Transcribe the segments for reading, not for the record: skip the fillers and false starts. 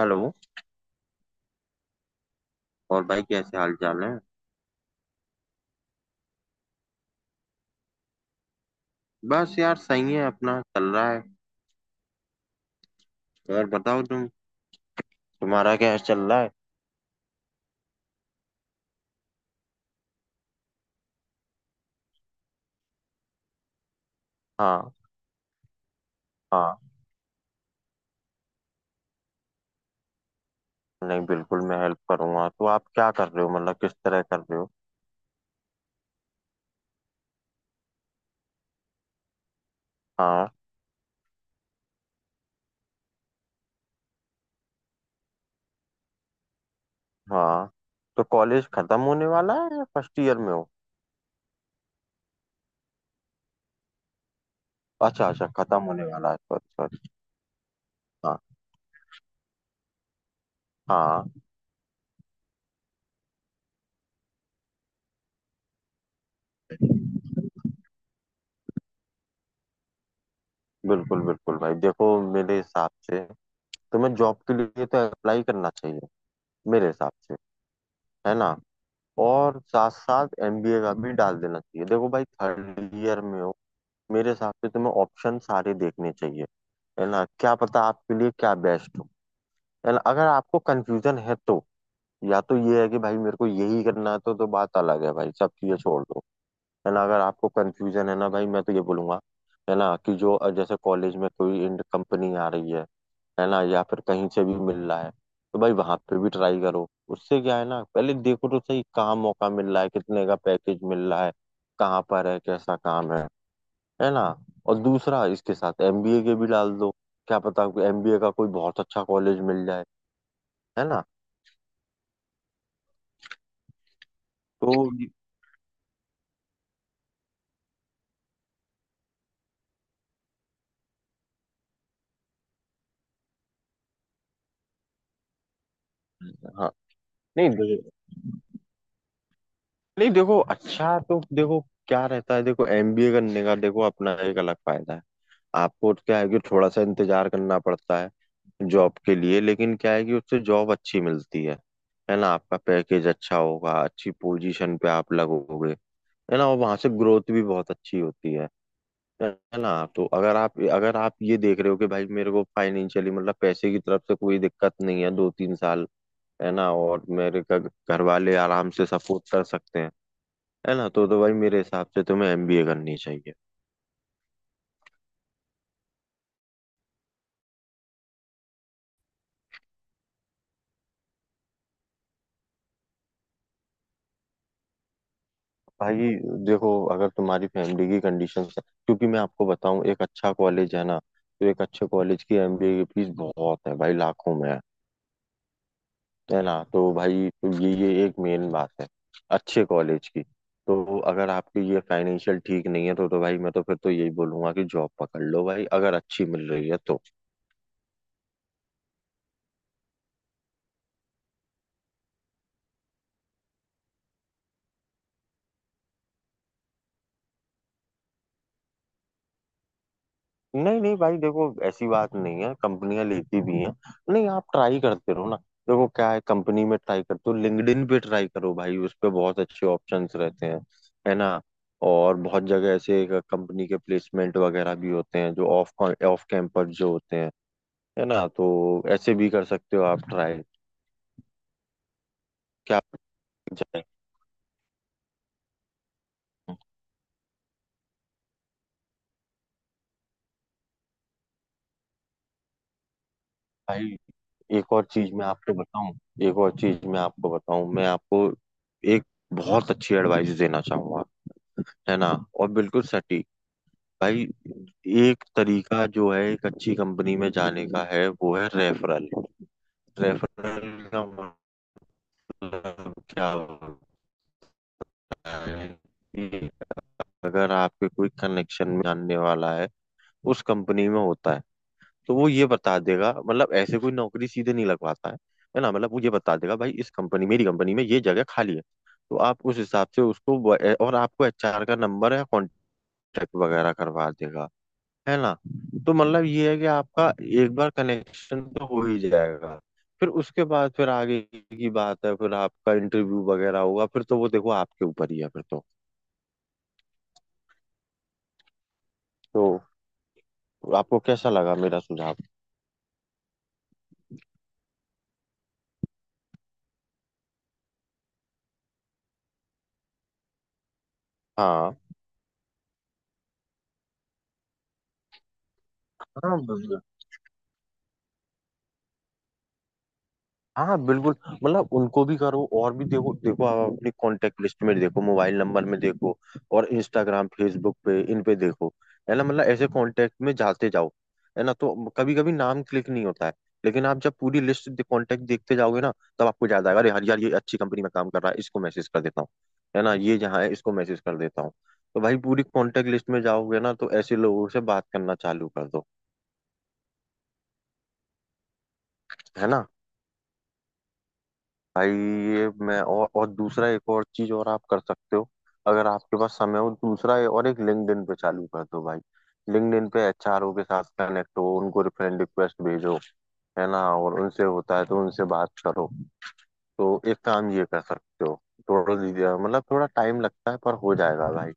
Hello. और भाई कैसे हाल चाल है? बस यार सही है, अपना चल रहा है। और बताओ तुम, तुम्हारा क्या चल रहा है? हाँ। हाँ, नहीं बिल्कुल मैं हेल्प करूंगा, तो आप क्या कर रहे हो, मतलब किस तरह कर रहे हो? हाँ। हाँ, तो कॉलेज खत्म होने वाला है या फर्स्ट ईयर में हो? अच्छा अच्छा, खत्म होने वाला है, सॉरी सॉरी। हाँ। हाँ, बिल्कुल बिल्कुल भाई देखो, मेरे हिसाब से तुम्हें जॉब के लिए तो अप्लाई करना चाहिए, मेरे हिसाब से, है ना, और साथ साथ एमबीए का भी डाल देना चाहिए। देखो भाई, थर्ड ईयर में हो, मेरे हिसाब से तुम्हें ऑप्शन सारे देखने चाहिए, है ना, क्या पता आपके लिए क्या बेस्ट हो, है ना, अगर आपको कंफ्यूजन है तो। या तो ये है कि भाई मेरे को यही करना है, तो बात अलग है, भाई सब चीजें छोड़ दो, है ना, अगर आपको कंफ्यूजन है ना, भाई मैं तो ये बोलूंगा, है ना कि जो जैसे कॉलेज में कोई कंपनी आ रही है ना, या फिर कहीं से भी मिल रहा है, तो भाई वहां पे भी ट्राई करो। उससे क्या है ना, पहले देखो तो सही, कहाँ मौका मिल रहा है, कितने का पैकेज मिल रहा है, कहाँ पर है, कैसा काम है ना, और दूसरा इसके साथ एमबीए के भी डाल दो, क्या पता एमबीए का कोई बहुत अच्छा कॉलेज मिल जाए, है ना तो। हाँ। नहीं नहीं, देखो अच्छा, तो देखो क्या रहता है, देखो एमबीए करने का देखो अपना एक अलग फायदा है। आपको तो क्या है कि थोड़ा सा इंतजार करना पड़ता है जॉब के लिए, लेकिन क्या है कि उससे जॉब अच्छी मिलती है ना, आपका पैकेज अच्छा होगा, अच्छी पोजीशन पे आप लगोगे, है ना, और वहां से ग्रोथ भी बहुत अच्छी होती है ना। तो अगर आप ये देख रहे हो कि भाई मेरे को फाइनेंशियली, मतलब पैसे की तरफ से कोई दिक्कत नहीं है दो तीन साल, है ना, और मेरे का घर वाले आराम से सपोर्ट कर सकते हैं, है ना, तो भाई मेरे हिसाब से तुम्हें एमबीए करनी चाहिए। भाई देखो, अगर तुम्हारी फैमिली की कंडीशन है, क्योंकि मैं आपको बताऊं एक अच्छा कॉलेज है ना, तो एक अच्छे कॉलेज की एमबीए की फीस बहुत है भाई, लाखों में है ना, तो भाई ये एक मेन बात है, अच्छे कॉलेज की। तो अगर आपकी ये फाइनेंशियल ठीक नहीं है, तो भाई मैं तो फिर तो यही बोलूंगा कि जॉब पकड़ लो भाई, अगर अच्छी मिल रही है तो। नहीं नहीं भाई देखो, ऐसी बात नहीं है, कंपनियां लेती भी हैं। नहीं आप ट्राई करते रहो ना, देखो क्या है, कंपनी में ट्राई करते हो, लिंक्डइन पे ट्राई करो भाई, उस पे बहुत अच्छे ऑप्शंस रहते हैं, है ना, और बहुत जगह ऐसे कंपनी के प्लेसमेंट वगैरह भी होते हैं, जो ऑफ ऑफ कैंपस जो होते हैं, है ना, तो ऐसे भी कर सकते हो आप ट्राई। क्या जाए भाई? एक और चीज मैं आपको बताऊं एक और चीज मैं आपको बताऊं मैं आपको एक बहुत अच्छी एडवाइस देना चाहूंगा, है ना, और बिल्कुल सटीक भाई। एक तरीका जो है एक अच्छी कंपनी में जाने का है, वो है रेफरल। रेफरल का मतलब क्या होता है, कि अगर आपके कोई कनेक्शन में जानने वाला है, उस कंपनी में होता है, तो वो ये बता देगा, मतलब ऐसे कोई नौकरी सीधे नहीं लगवाता है ना, मतलब वो ये बता देगा, भाई इस कंपनी, मेरी कंपनी में ये जगह खाली है, तो आप उस हिसाब से उसको और आपको एचआर का नंबर या कॉन्टेक्ट वगैरह करवा देगा, है ना। तो मतलब ये है कि आपका एक बार कनेक्शन तो हो ही जाएगा, फिर उसके बाद फिर आगे की बात है, फिर आपका इंटरव्यू वगैरह होगा, फिर तो वो देखो आपके ऊपर ही है, फिर तो। तो आपको कैसा लगा मेरा सुझाव? हाँ। हाँ, हाँ बिल्कुल, मतलब उनको भी करो और भी, देखो देखो आप अपनी कांटेक्ट लिस्ट में देखो, मोबाइल नंबर में देखो, और इंस्टाग्राम फेसबुक पे, इन पे देखो, है ना, मतलब ऐसे कांटेक्ट में जाते जाओ, है ना, तो कभी कभी नाम क्लिक नहीं होता है, लेकिन आप जब पूरी लिस्ट कांटेक्ट देखते जाओगे ना, तब आपको याद आएगा, अरे यार यार ये अच्छी कंपनी में काम कर रहा है, इसको मैसेज कर देता हूँ, है ना, ये जहाँ है इसको मैसेज कर देता हूँ, तो भाई पूरी कांटेक्ट लिस्ट में जाओगे ना, तो ऐसे लोगों से बात करना चालू कर दो, है ना भाई। ये मैं और दूसरा एक और चीज और आप कर सकते हो, अगर आपके पास समय हो, दूसरा ये, और एक लिंक्डइन पे चालू कर दो भाई, लिंक्डइन पे एचआरओ के साथ कनेक्ट हो, उनको फ्रेंड रिक्वेस्ट भेजो, है ना, और उनसे होता है तो उनसे बात करो, तो एक काम ये कर सकते हो। थोड़ा धीरे, मतलब थोड़ा टाइम लगता है, पर हो जाएगा भाई।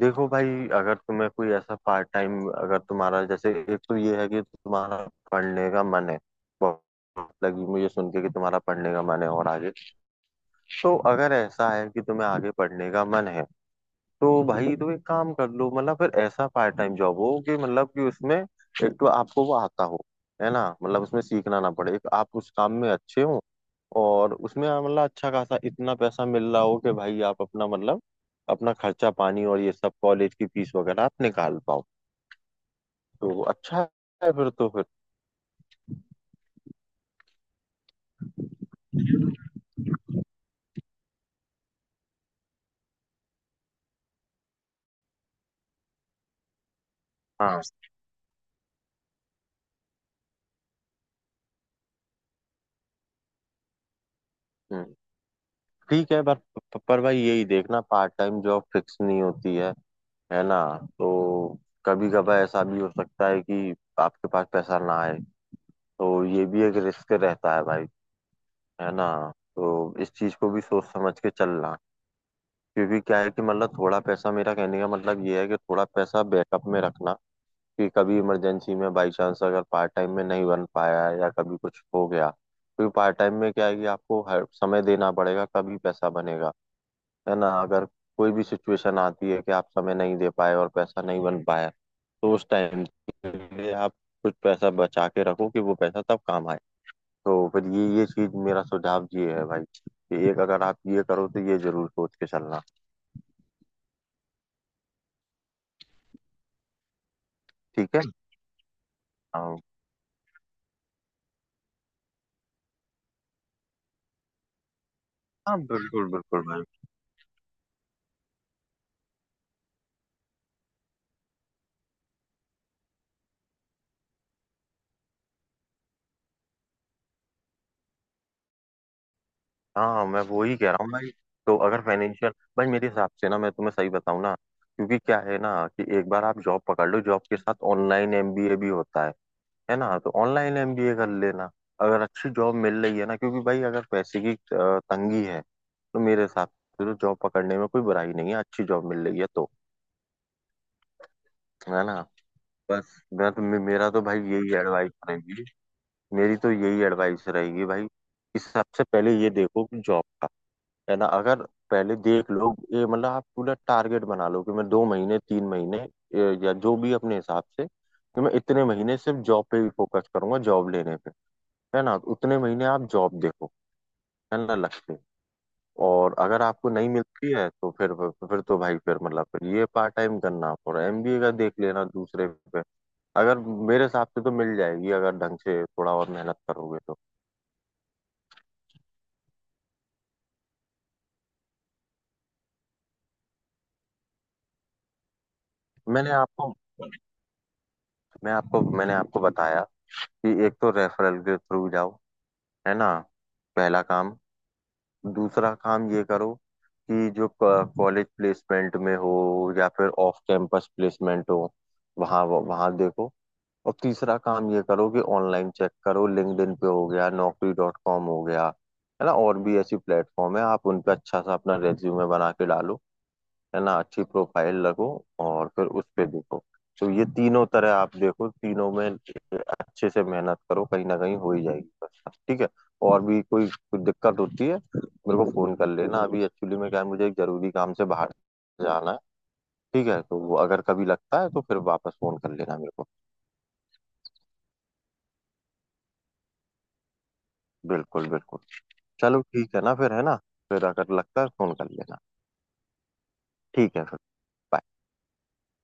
देखो भाई, अगर तुम्हें कोई ऐसा पार्ट टाइम, अगर तुम्हारा जैसे एक तो ये है कि तुम्हारा पढ़ने का मन है, बहुत लगी मुझे सुन के कि तुम्हारा पढ़ने का मन है और आगे, तो अगर ऐसा है कि तुम्हें आगे पढ़ने का मन है, तो भाई तो एक काम कर लो, मतलब फिर ऐसा पार्ट टाइम जॉब हो कि मतलब कि उसमें एक तो आपको वो आता हो, है ना, मतलब उसमें सीखना ना पड़े, एक आप उस काम में अच्छे हो, और उसमें मतलब अच्छा खासा इतना पैसा मिल रहा हो कि भाई आप अपना मतलब अपना खर्चा पानी और ये सब कॉलेज की फीस वगैरह आप निकाल पाओ, तो अच्छा है, फिर तो फिर। हाँ। हम्म, ठीक है, पर भाई यही देखना, पार्ट टाइम जॉब फिक्स नहीं होती है ना, तो कभी कभार ऐसा भी हो सकता है कि आपके पास पैसा ना आए, तो ये भी एक रिस्क रहता है भाई, है ना, तो इस चीज को भी सोच समझ के चलना, क्योंकि क्या है कि मतलब थोड़ा पैसा, मेरा कहने का मतलब ये है कि थोड़ा पैसा बैकअप में रखना, कि कभी इमरजेंसी में बाई चांस अगर पार्ट टाइम में नहीं बन पाया या कभी कुछ हो गया, क्योंकि पार्ट टाइम में क्या है कि आपको हर समय देना पड़ेगा, कभी पैसा बनेगा, है ना, अगर कोई भी सिचुएशन आती है कि आप समय नहीं दे पाए और पैसा नहीं बन पाया, तो उस टाइम के लिए आप कुछ पैसा बचा के रखो, कि वो पैसा तब काम आए। तो फिर ये चीज मेरा सुझाव ये है भाई, कि एक अगर आप ये करो तो ये जरूर सोच के चलना। ठीक है। हाँ, हाँ बिल्कुल बिल्कुल भाई। हाँ, मैं वही कह रहा हूँ भाई, तो अगर फाइनेंशियल, भाई मेरे हिसाब से ना, मैं तुम्हें सही बताऊँ ना, क्योंकि क्या है ना, कि एक बार आप जॉब पकड़ लो, जॉब के साथ ऑनलाइन एमबीए भी होता है ना, तो ऑनलाइन एमबीए कर लेना, अगर अच्छी जॉब मिल रही है ना, क्योंकि भाई अगर पैसे की तंगी है, तो मेरे हिसाब से तो जॉब पकड़ने में कोई बुराई नहीं है, अच्छी जॉब मिल रही है तो, है ना, बस। मैं तो मेरा तो भाई यही एडवाइस रहेगी, मेरी तो यही एडवाइस रहेगी भाई, कि सबसे पहले ये देखो कि जॉब का, है ना, अगर पहले देख लो, ये मतलब आप पूरा टारगेट बना लो कि मैं दो महीने तीन महीने या जो भी अपने हिसाब से, कि मैं इतने महीने सिर्फ जॉब पे ही फोकस करूंगा, जॉब लेने, है ना, उतने महीने आप जॉब देखो, है ना, लक्ष्य, और अगर आपको नहीं मिलती है तो फिर तो भाई फिर मतलब फिर ये पार्ट टाइम करना और एमबीए का देख लेना दूसरे पे, अगर मेरे हिसाब से तो मिल जाएगी अगर ढंग से थोड़ा और मेहनत करोगे तो। मैंने आपको मैंने आपको बताया कि एक तो रेफरल के थ्रू जाओ, है ना, पहला काम। दूसरा काम ये करो कि जो कॉलेज प्लेसमेंट में हो, या फिर ऑफ कैंपस प्लेसमेंट हो, वहाँ वहाँ देखो। और तीसरा काम ये करो कि ऑनलाइन चेक करो, लिंक्डइन पे हो गया, naukri.com हो गया, है ना, और भी ऐसी प्लेटफॉर्म है, आप उन पे अच्छा सा अपना रेज्यूमे बना के डालो, है ना, अच्छी प्रोफाइल लगो, और फिर उस पे देखो। तो ये तीनों तरह आप देखो, तीनों में अच्छे से मेहनत करो, कहीं ना कहीं हो ही जाएगी बस, ठीक है। और भी कोई कोई दिक्कत होती है मेरे को फोन कर लेना, अभी एक्चुअली में क्या है, मुझे एक जरूरी काम से बाहर जाना है, ठीक है, तो वो अगर कभी लगता है तो फिर वापस फोन कर लेना मेरे को। बिल्कुल बिल्कुल। चलो ठीक है ना फिर, है ना, फिर अगर लगता है तो फोन कर लेना। ठीक है फिर। bye।